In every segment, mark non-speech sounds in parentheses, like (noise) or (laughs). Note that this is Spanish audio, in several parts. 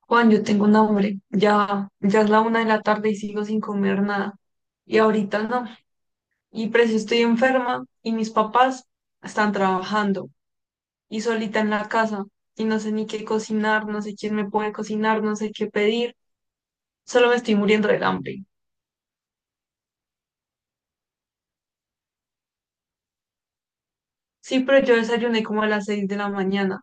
Juan, yo tengo un hambre. Ya, ya es la una de la tarde y sigo sin comer nada. Y ahorita no. Y precio estoy enferma y mis papás están trabajando y solita en la casa. Y no sé ni qué cocinar, no sé quién me puede cocinar, no sé qué pedir. Solo me estoy muriendo del hambre. Sí, pero yo desayuné como a las seis de la mañana.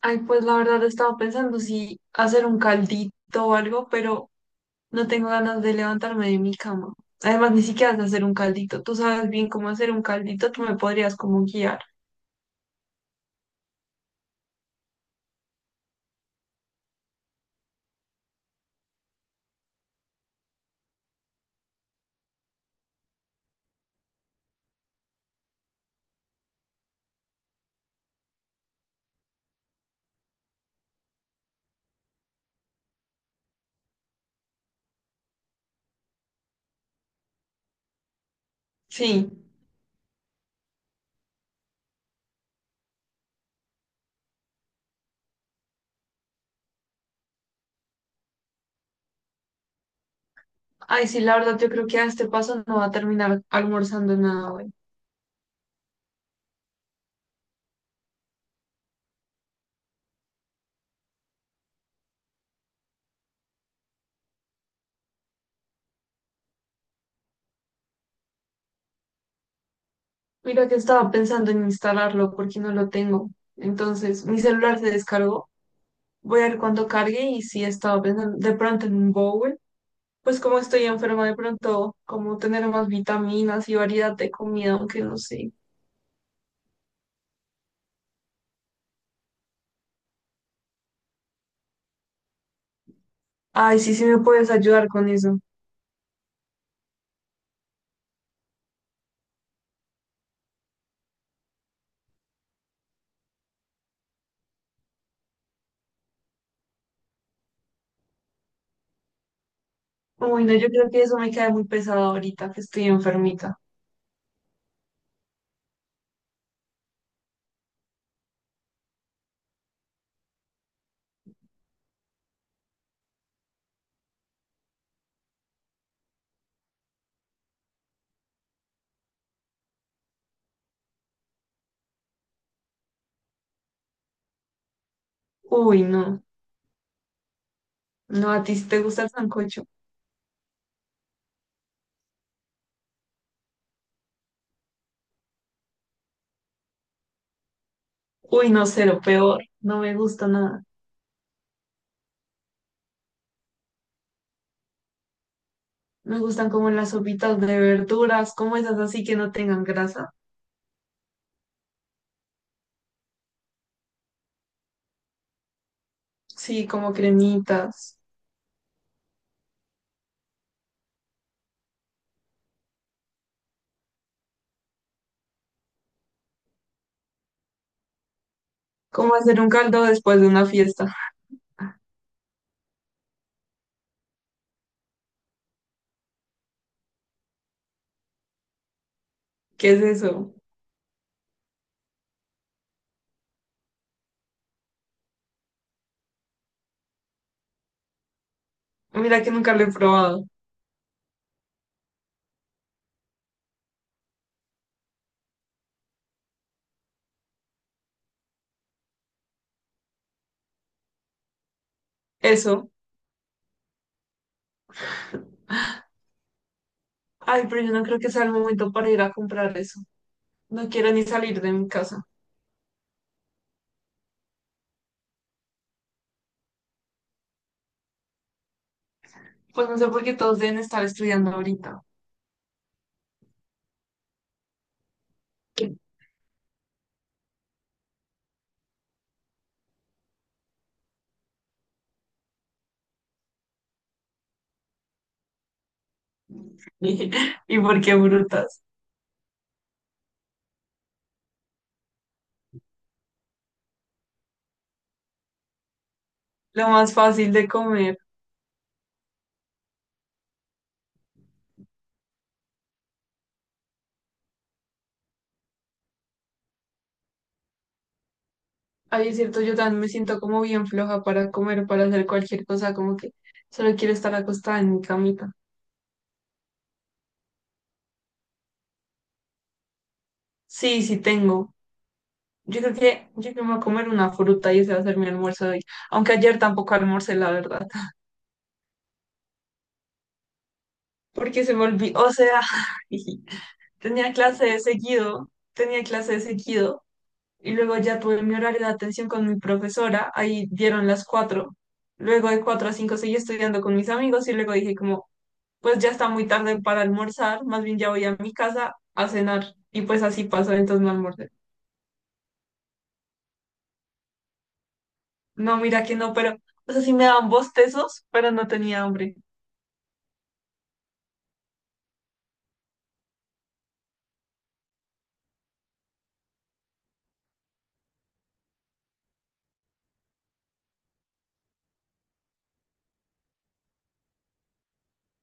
Ay, pues la verdad estaba pensando si hacer un caldito o algo, pero no tengo ganas de levantarme de mi cama. Además, ni siquiera sé hacer un caldito. Tú sabes bien cómo hacer un caldito, tú me podrías como guiar. Sí. Ay, sí, la verdad, yo creo que a este paso no va a terminar almorzando nada hoy. Mira que estaba pensando en instalarlo porque no lo tengo. Entonces, mi celular se descargó. Voy a ver cuándo cargue y sí estaba pensando de pronto en un bowl. Pues como estoy enferma, de pronto como tener más vitaminas y variedad de comida, aunque no sé. Ay, sí, sí me puedes ayudar con eso. Uy, no, yo creo que eso me cae muy pesado ahorita que estoy enfermita. Uy, no. No, ¿a ti sí te gusta el sancocho? Uy, no, cero, peor. No me gusta nada. Me gustan como las sopitas de verduras, como esas así que no tengan grasa. Sí, como cremitas. Como hacer un caldo después de una fiesta. ¿Qué es eso? Mira que nunca lo he probado. Eso. Ay, pero yo no creo que sea el momento para ir a comprar eso. No quiero ni salir de mi casa. Pues no sé por qué todos deben estar estudiando ahorita. (laughs) ¿Y por qué brutas? Lo más fácil de comer. Ay, es cierto, yo también me siento como bien floja para comer, para hacer cualquier cosa, como que solo quiero estar acostada en mi camita. Sí, sí tengo. Yo creo que me voy a comer una fruta y ese va a ser mi almuerzo de hoy. Aunque ayer tampoco almorcé, la verdad. (laughs) Porque se me olvidó, o sea, (laughs) tenía clase de seguido, tenía clase de seguido y luego ya tuve mi horario de atención con mi profesora, ahí dieron las cuatro. Luego de cuatro a cinco seguí estudiando con mis amigos y luego dije como, pues ya está muy tarde para almorzar, más bien ya voy a mi casa a cenar. Y pues así pasó, entonces no almorcé. No, mira que no, pero, o sea, sí me daban bostezos, pero no tenía hambre.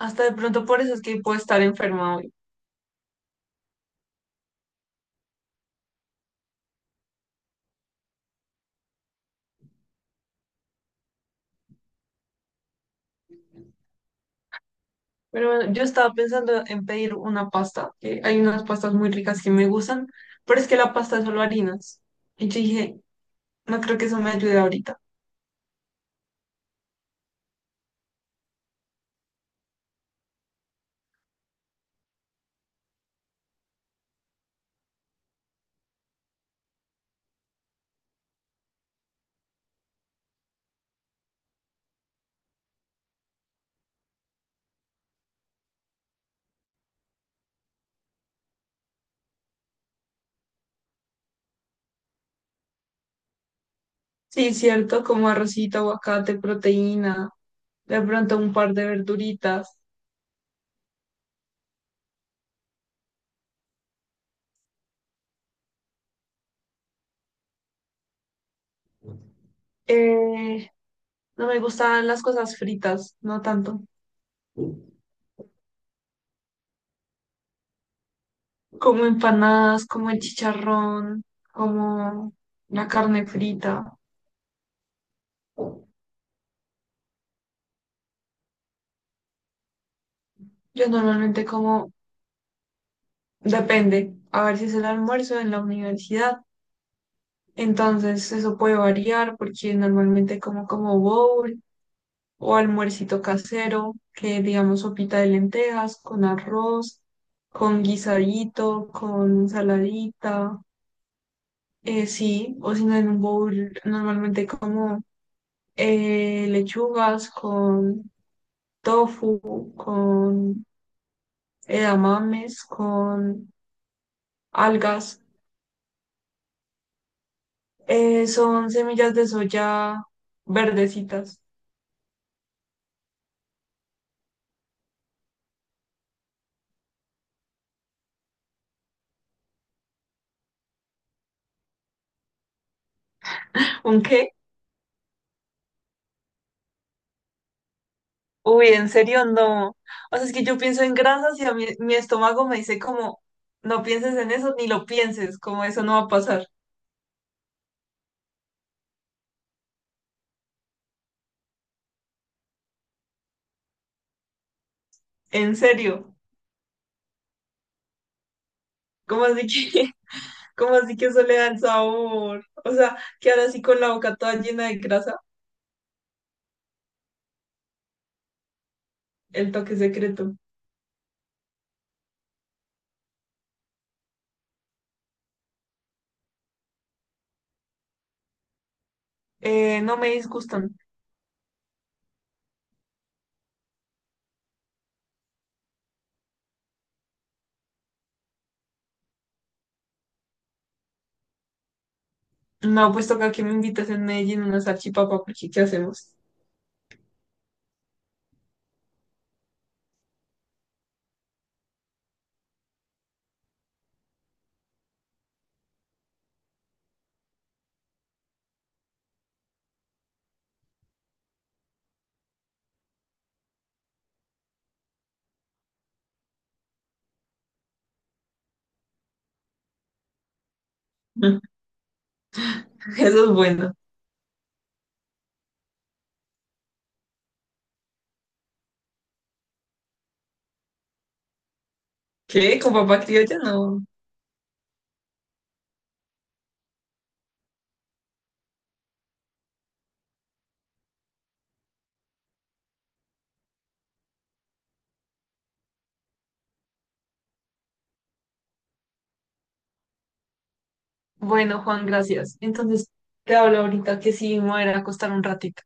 Hasta de pronto por eso es que puedo estar enferma hoy. Pero bueno, yo estaba pensando en pedir una pasta, que hay unas pastas muy ricas que me gustan, pero es que la pasta es solo harinas. Y yo dije, no creo que eso me ayude ahorita. Sí, cierto, como arrocito, aguacate, proteína, de pronto un par de verduritas. Eh, no me gustan las cosas fritas, no tanto. Como empanadas, como el chicharrón, como la carne frita. Yo normalmente como, depende, a ver si es el almuerzo en la universidad. Entonces, eso puede variar porque normalmente como como bowl o almuercito casero, que digamos sopita de lentejas con arroz, con guisadito, con saladita, sí, o si no en un bowl normalmente como lechugas con tofu, con edamames, con algas, son semillas de soya verdecitas. ¿Un qué? Uy, en serio, no. O sea, es que yo pienso en grasas y a mí, mi estómago me dice como, no pienses en eso, ni lo pienses, como eso no va a pasar. En serio. ¿Cómo así que, (laughs) cómo así que eso le da el sabor? O sea, que ahora sí con la boca toda llena de grasa, el toque secreto. No me disgustan. No, pues toca que me invitas en Medellín unas salchipapa, porque ¿qué hacemos? (laughs) Mm, eso es bueno. ¿Qué? ¿Con papá criolla? No. Bueno, Juan, gracias. Entonces, te hablo ahorita que sí me voy a ir a acostar un ratito.